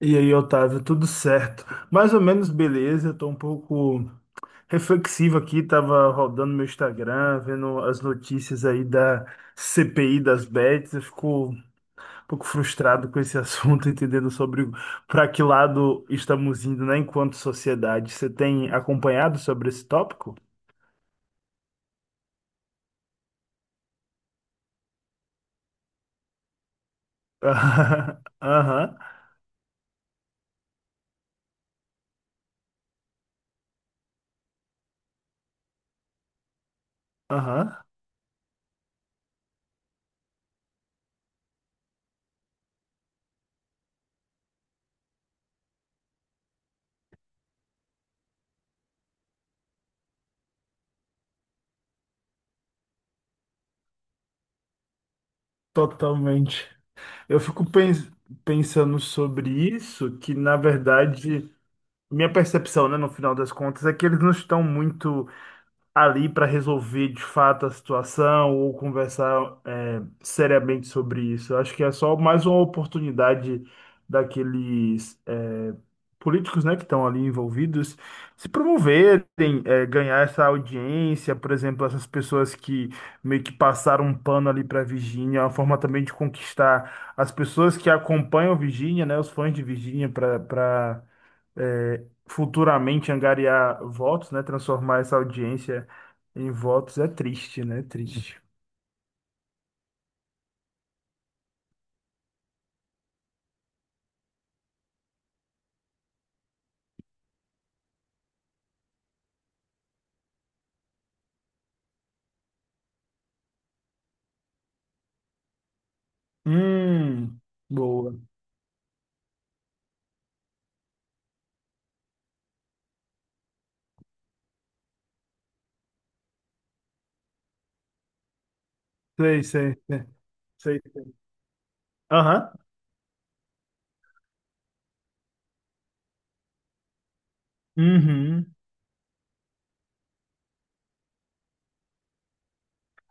E aí, Otávio, tudo certo? Mais ou menos beleza, eu tô um pouco reflexivo aqui, tava rodando meu Instagram, vendo as notícias aí da CPI das bets, eu fico um pouco frustrado com esse assunto, entendendo sobre para que lado estamos indo, né, enquanto sociedade. Você tem acompanhado sobre esse tópico? Aham, aham, totalmente. Eu fico pensando sobre isso, que na verdade. Minha percepção, né, no final das contas, é que eles não estão muito ali para resolver de fato a situação ou conversar seriamente sobre isso. Eu acho que é só mais uma oportunidade daqueles políticos, né, que estão ali envolvidos se promoverem, ganhar essa audiência, por exemplo, essas pessoas que meio que passaram um pano ali para Virgínia, é uma forma também de conquistar as pessoas que acompanham Virgínia, né, os fãs de Virgínia para futuramente angariar votos, né? Transformar essa audiência em votos é triste, né? Triste. Hum, boa. Sei, sei, sei. Sei, sei. Aham. Uhum.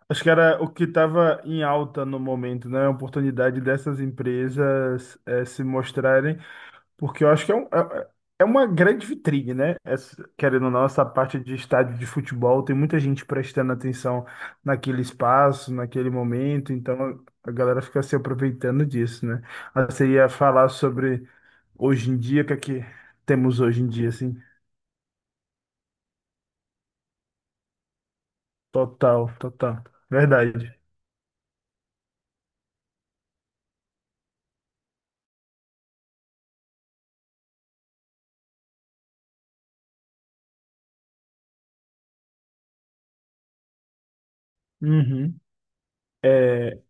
Acho que era o que estava em alta no momento, né? A oportunidade dessas empresas se mostrarem. Porque eu acho que é uma grande vitrine, né? Essa, querendo ou não, essa parte de estádio de futebol, tem muita gente prestando atenção naquele espaço, naquele momento, então a galera fica se aproveitando disso, né? Ah, você ia falar sobre hoje em dia, o que é que temos hoje em dia, assim? Total, total. Verdade. Uhum. É,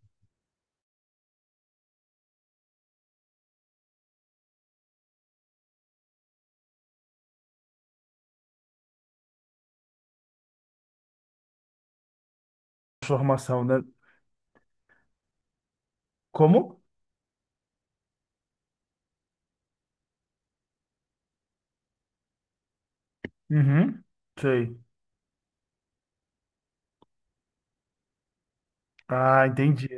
formação, né? Como? Uhum. Sei. Ah, entendi.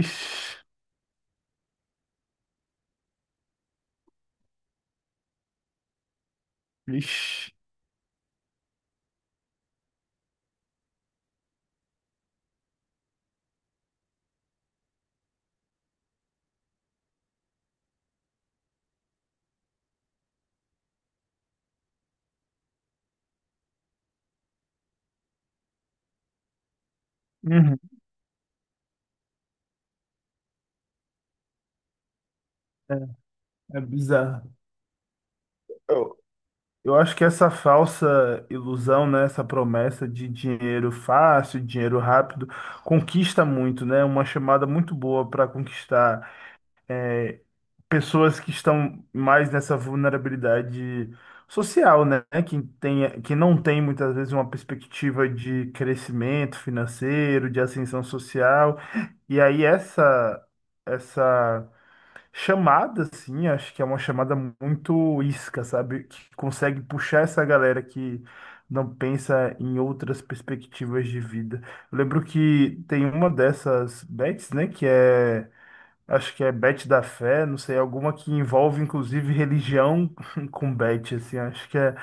Ixi, ixi. Uhum. É bizarro. Eu, eu acho que essa falsa ilusão, né, essa promessa de dinheiro fácil, dinheiro rápido, conquista muito, né? Uma chamada muito boa para conquistar é, pessoas que estão mais nessa vulnerabilidade social, né? Que tem, que não tem muitas vezes uma perspectiva de crescimento financeiro, de ascensão social. E aí essa essa chamada, assim, acho que é uma chamada muito isca, sabe? Que consegue puxar essa galera que não pensa em outras perspectivas de vida. Eu lembro que tem uma dessas bets, né, acho que é bet da fé, não sei, alguma que envolve inclusive religião com bet, assim, acho que é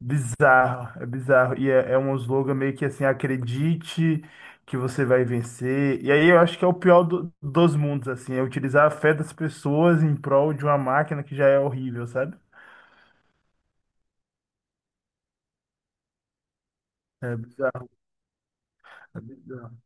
bizarro, é bizarro. E é um slogan meio que assim, acredite que você vai vencer. E aí eu acho que é o pior dos mundos, assim, é utilizar a fé das pessoas em prol de uma máquina que já é horrível, sabe? É bizarro, é bizarro.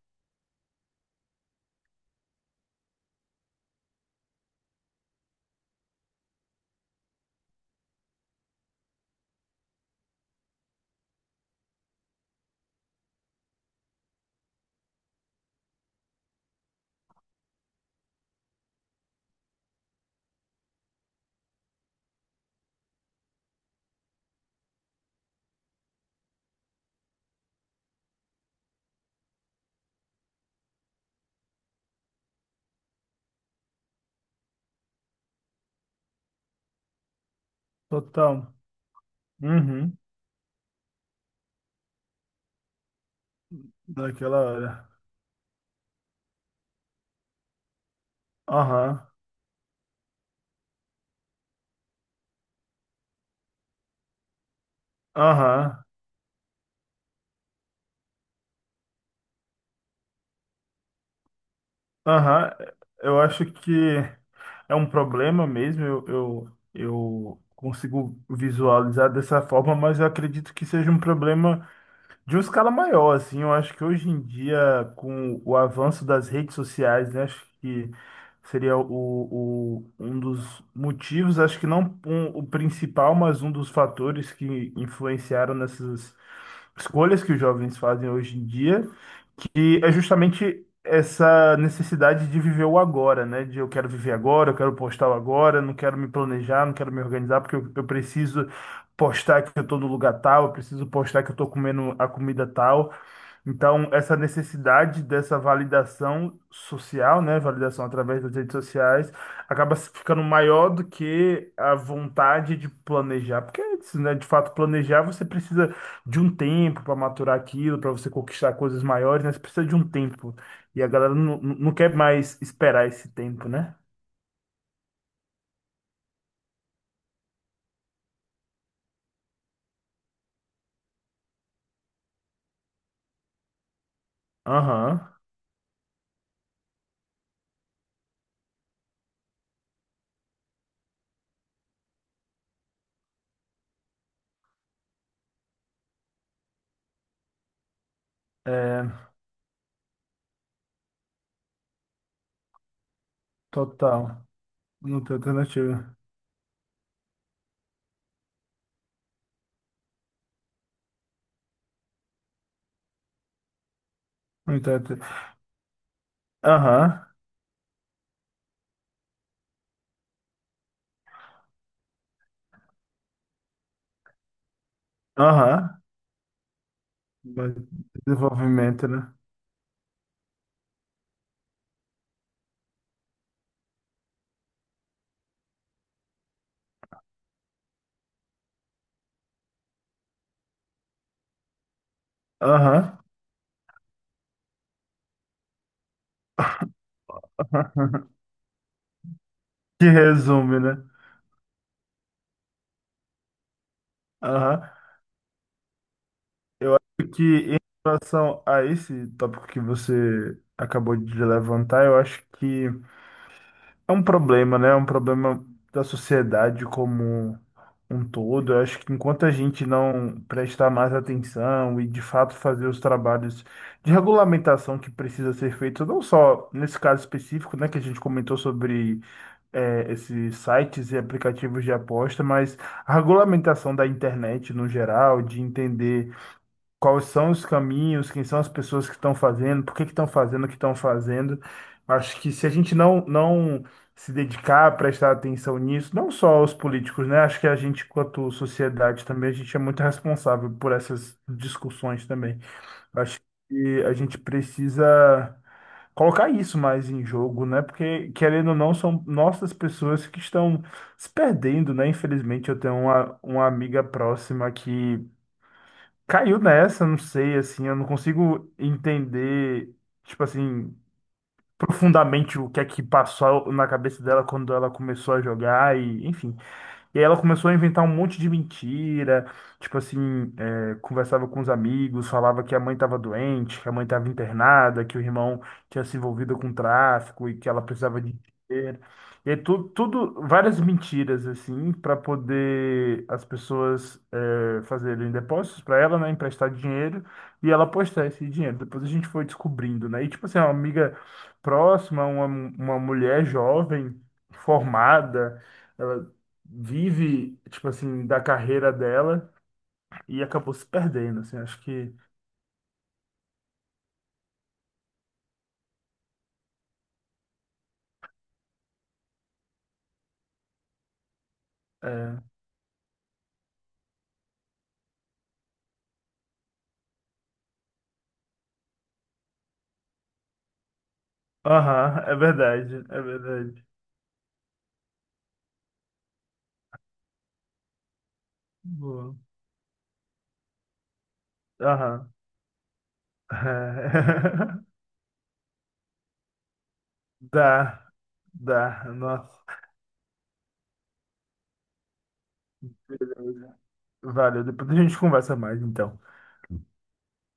Total. Uhum, naquela hora. Aham, aham, aham. Eu acho que é um problema mesmo, eu consigo visualizar dessa forma, mas eu acredito que seja um problema de uma escala maior, assim, eu acho que hoje em dia, com o avanço das redes sociais, né, acho que seria um dos motivos, acho que não o principal, mas um dos fatores que influenciaram nessas escolhas que os jovens fazem hoje em dia que é justamente essa necessidade de viver o agora, né? De eu quero viver agora, eu quero postar o agora, não quero me planejar, não quero me organizar, porque eu preciso postar que eu tô no lugar tal, eu preciso postar que eu tô comendo a comida tal. Então, essa necessidade dessa validação social, né, validação através das redes sociais, acaba se ficando maior do que a vontade de planejar, porque é isso, né, de fato, planejar você precisa de um tempo para maturar aquilo, para você conquistar coisas maiores, né? Você precisa de um tempo. E a galera não quer mais esperar esse tempo, né? Aham. É, total. Não tem alternativa. Não tem alter- Aham. Aham. Mas desenvolvimento, né? Aham. Que resume, né? Aham. Eu acho que em relação a esse tópico que você acabou de levantar, eu acho que é um problema, né? É um problema da sociedade como um todo. Eu acho que enquanto a gente não prestar mais atenção e de fato fazer os trabalhos de regulamentação que precisa ser feito, não só nesse caso específico, né, que a gente comentou sobre esses sites e aplicativos de aposta, mas a regulamentação da internet no geral, de entender quais são os caminhos, quem são as pessoas que estão fazendo, por que que estão fazendo o que estão fazendo. Acho que se a gente não se dedicar a prestar atenção nisso, não só os políticos, né? Acho que a gente, quanto sociedade também, a gente é muito responsável por essas discussões também. Acho que a gente precisa colocar isso mais em jogo, né? Porque, querendo ou não, são nossas pessoas que estão se perdendo, né? Infelizmente, eu tenho uma amiga próxima que caiu nessa, não sei, assim, eu não consigo entender, tipo assim, profundamente o que é que passou na cabeça dela quando ela começou a jogar e, enfim. E aí ela começou a inventar um monte de mentira, tipo assim, é, conversava com os amigos, falava que a mãe estava doente, que a mãe estava internada, que o irmão tinha se envolvido com tráfico e que ela precisava de dinheiro. E aí tudo várias mentiras assim para poder as pessoas é, fazerem depósitos para ela, né, emprestar dinheiro e ela postar esse dinheiro. Depois a gente foi descobrindo, né? E tipo assim, é uma amiga próxima, uma mulher jovem, formada vive, tipo assim, da carreira dela e acabou se perdendo, assim, acho que é. Aham, é verdade, é verdade. Boa. Aham. É. Dá, dá, nossa. Beleza. Valeu, depois a gente conversa mais, então.